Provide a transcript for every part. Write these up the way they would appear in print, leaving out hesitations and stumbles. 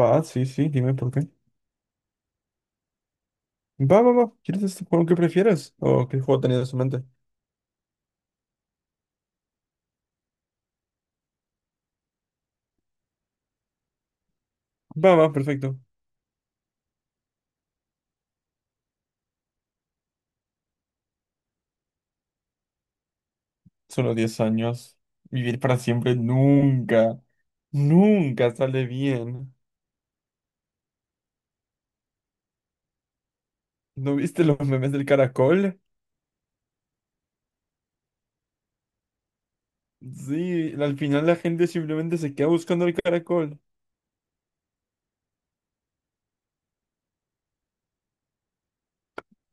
Va, sí, sí, dime por qué. Va, va, va. ¿Quieres este juego que prefieres? ¿O qué juego tenías en mente? Va, va, perfecto. Solo 10 años. Vivir para siempre nunca, nunca sale bien. ¿No viste los memes del caracol? Sí, al final la gente simplemente se queda buscando el caracol.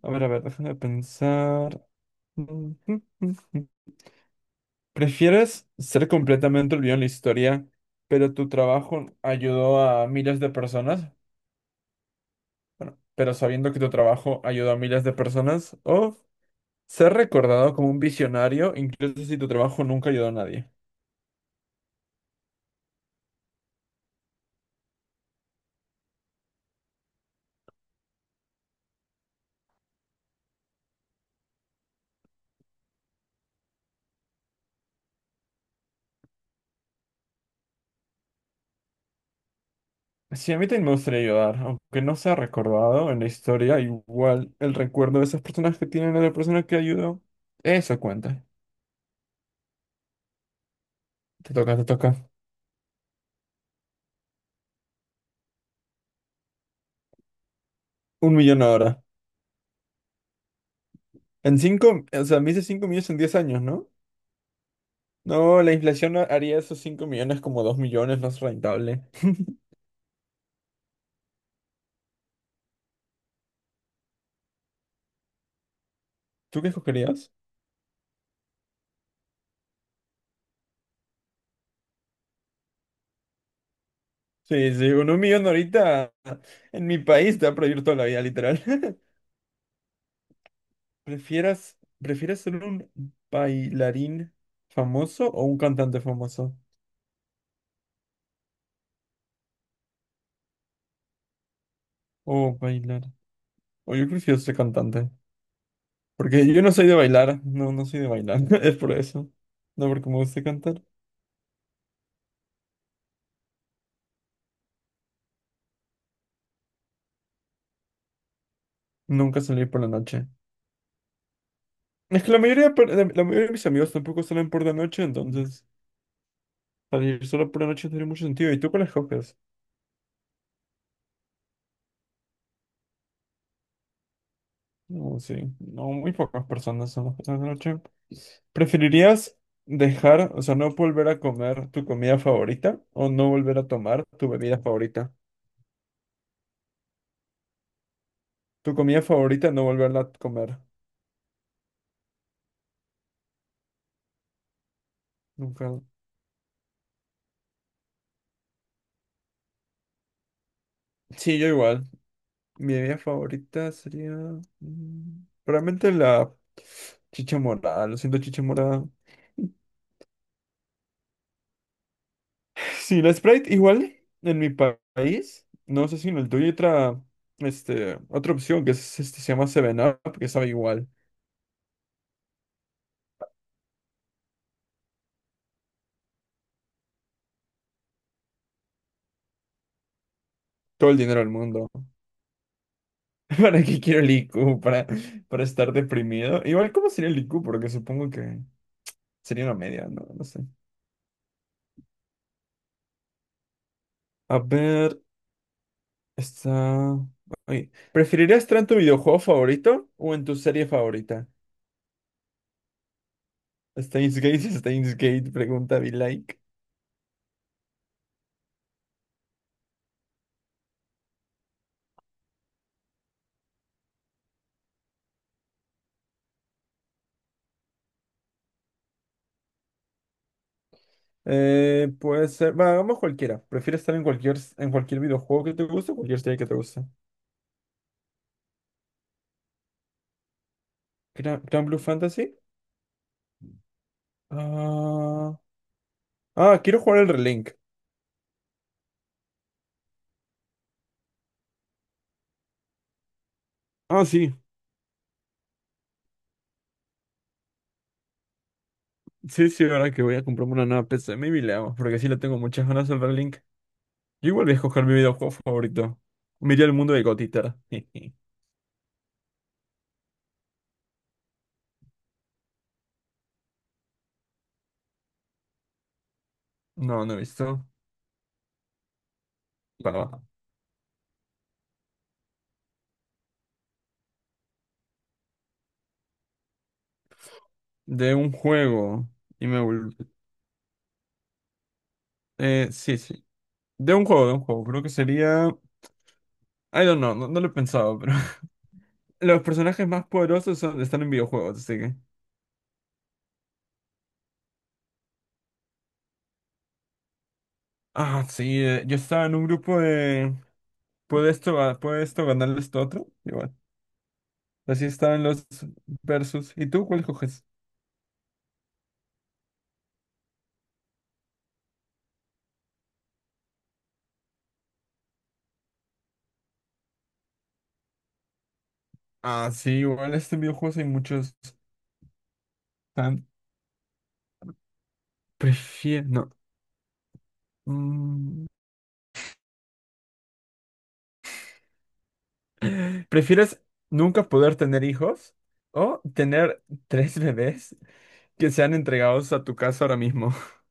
A ver, déjame pensar. ¿Prefieres ser completamente olvidado en la historia, pero tu trabajo ayudó a miles de personas? Bueno, pero sabiendo que tu trabajo ayudó a miles de personas, o ser recordado como un visionario, incluso si tu trabajo nunca ayudó a nadie. Sí, a mí también me gustaría ayudar, aunque no sea recordado en la historia, igual el recuerdo de esas personas que tienen a la persona que ayudó, eso cuenta. Te toca, te toca. Un millón ahora. En cinco, o sea, me hice cinco millones en 10 años, ¿no? No, la inflación haría esos cinco millones como dos millones más rentable. ¿Tú qué escogerías? Sí, sí, con un millón ahorita en mi país te va a prohibir toda la vida, literal. ¿Prefieres ser un bailarín famoso o un cantante famoso? O bailar. O yo prefiero ser cantante. Porque yo no soy de bailar. No, no soy de bailar. Es por eso. No, porque me gusta cantar. Nunca salir por la noche. Es que la mayoría de mis amigos tampoco salen por la noche, entonces salir solo por la noche no tiene mucho sentido. ¿Y tú cuáles coges? No, sí. No, muy pocas personas son las personas de noche. ¿Preferirías dejar, o sea, no volver a comer tu comida favorita o no volver a tomar tu bebida favorita? Tu comida favorita, no volverla a comer. Nunca. Sí, yo igual. Mi bebida favorita sería, probablemente la chicha morada. Lo siento, chicha morada. Sí, la Sprite igual en país. No sé si en el tuyo hay otra, otra opción que es, se llama seven up que sabe igual. Todo el dinero del mundo. ¿Para qué quiero el IQ? ¿Para estar deprimido? Igual, ¿cómo sería el IQ? Porque supongo que sería una media, ¿no? No sé. A ver, está... Oye, ¿preferirías estar en tu videojuego favorito o en tu serie favorita? Steins Gate, Steins Gate, pregunta be like. Puede ser... Va, vamos cualquiera. ¿Prefieres estar en cualquier videojuego que te guste o cualquier serie que te guste? ¿Gran, Blue Fantasy? Ah, ah, quiero jugar el Relink. Ah, sí. Sí, sí, ahora que voy a comprarme una nueva PC, maybe le hago, porque sí le tengo muchas ganas al Link. Yo igual voy a escoger mi videojuego favorito. Miré el mundo de Gotita. No, no he visto. Para abajo. De un juego. Y me vol- sí, sí. De un juego. Creo que sería. I don't know, no lo he pensado, pero. Los personajes más poderosos son- están en videojuegos, así que. Ah, sí, yo estaba en un grupo de. ¿Puede esto, ga- puede esto ganarle esto a otro? Igual. Así estaban los versus. ¿Y tú cuál coges? Ah, sí, igual este videojuegos hay muchos. Tan... Prefiero. No. mm, ¿Prefieres nunca poder tener hijos o tener tres bebés que sean entregados a tu casa ahora mismo?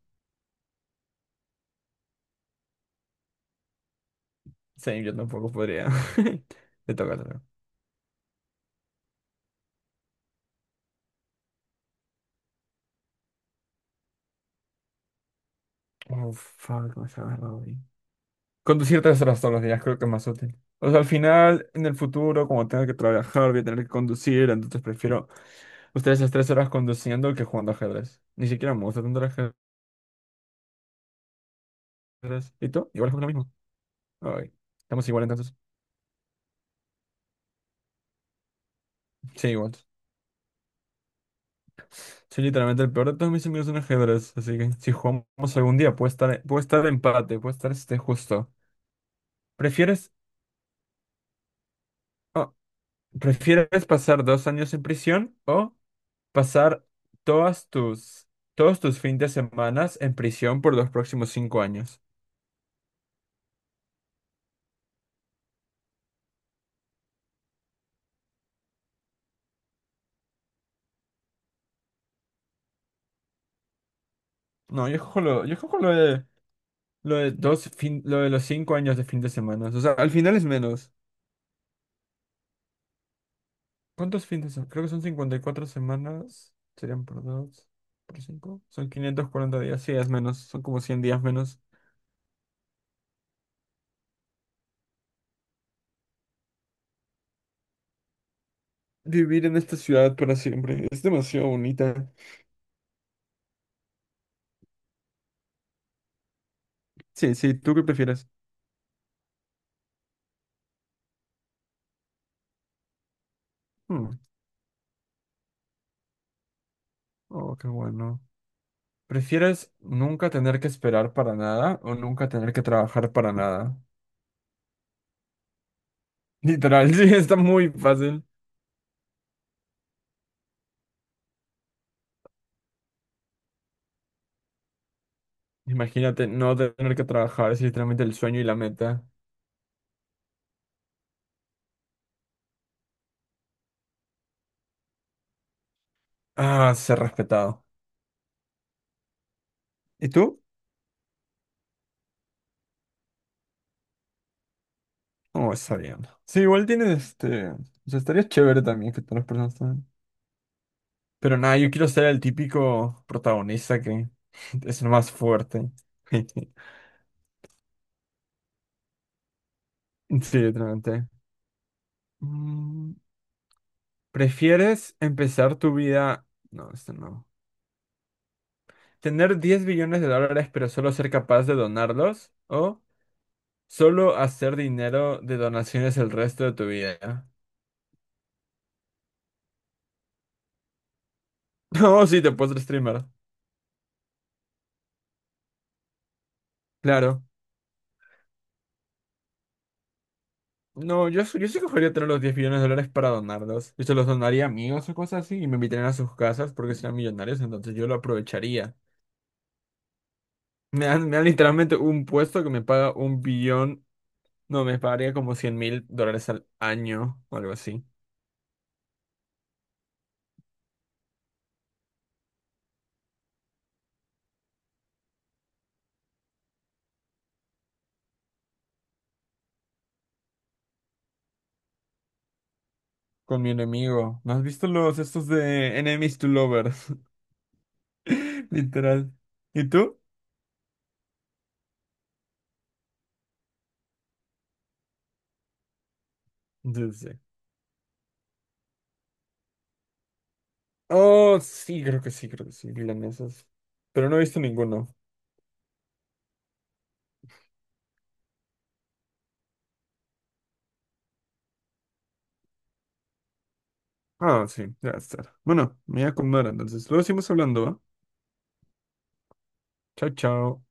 Sí, yo tampoco podría. Te toca, te toca. Oh, fuck, me has agarrado ahí. Conducir 3 horas todos los días creo que es más útil. O sea, al final, en el futuro, como tenga que trabajar, voy a tener que conducir, entonces prefiero ustedes esas 3 horas conduciendo que jugando ajedrez. Ni siquiera me gusta tanto el ajedrez. Gracias. ¿Y tú? Igual fue lo mismo. Ay, estamos igual entonces. Sí, igual. Soy literalmente el peor de todos mis amigos en ajedrez, así que si jugamos algún día puede estar empate, puede estar este justo. ¿Prefieres, oh, ¿prefieres pasar 2 años en prisión o pasar todas tus, todos tus fines de semana en prisión por los próximos 5 años? No, yo cojo lo de, lo de los 5 años de fin de semana. O sea, al final es menos. ¿Cuántos fines son? Creo que son 54 semanas. Serían por 2, por 5. Son 540 días. Sí, es menos. Son como 100 días menos. Vivir en esta ciudad para siempre. Es demasiado bonita. Sí, sí, ¿tú qué prefieres? Hmm, oh, qué bueno. ¿Prefieres nunca tener que esperar para nada o nunca tener que trabajar para nada? Literal, sí, está muy fácil. Imagínate no tener que trabajar. Es literalmente el sueño y la meta. Ah, ser respetado. ¿Y tú? Oh, está bien. Sí, igual tienes este. O sea, estaría chévere también que todas las personas también. Pero nada, yo quiero ser el típico protagonista que es el más fuerte. Sí, literalmente. Mm, ¿prefieres empezar tu vida? No, esto no. ¿Tener 10 billones de dólares pero solo ser capaz de donarlos? ¿O solo hacer dinero de donaciones el resto de tu vida? No, sí, te puedes streamer. Claro. No, yo sí cogería tener los 10 millones de dólares para donarlos. Yo se los donaría a amigos o cosas así y me invitarían a sus casas porque sean millonarios, entonces yo lo aprovecharía. Me dan literalmente un puesto que me paga un billón, no, me pagaría como $100,000 al año o algo así. Con mi enemigo. ¿No has visto los estos de Enemies to Lovers? Literal. ¿Y tú? Sí, sí. Oh, sí, creo que sí, milanesas. Pero no he visto ninguno. Ah, sí, ya está. Bueno, me voy a comer entonces. Luego seguimos hablando, ¿va? Chao, chao.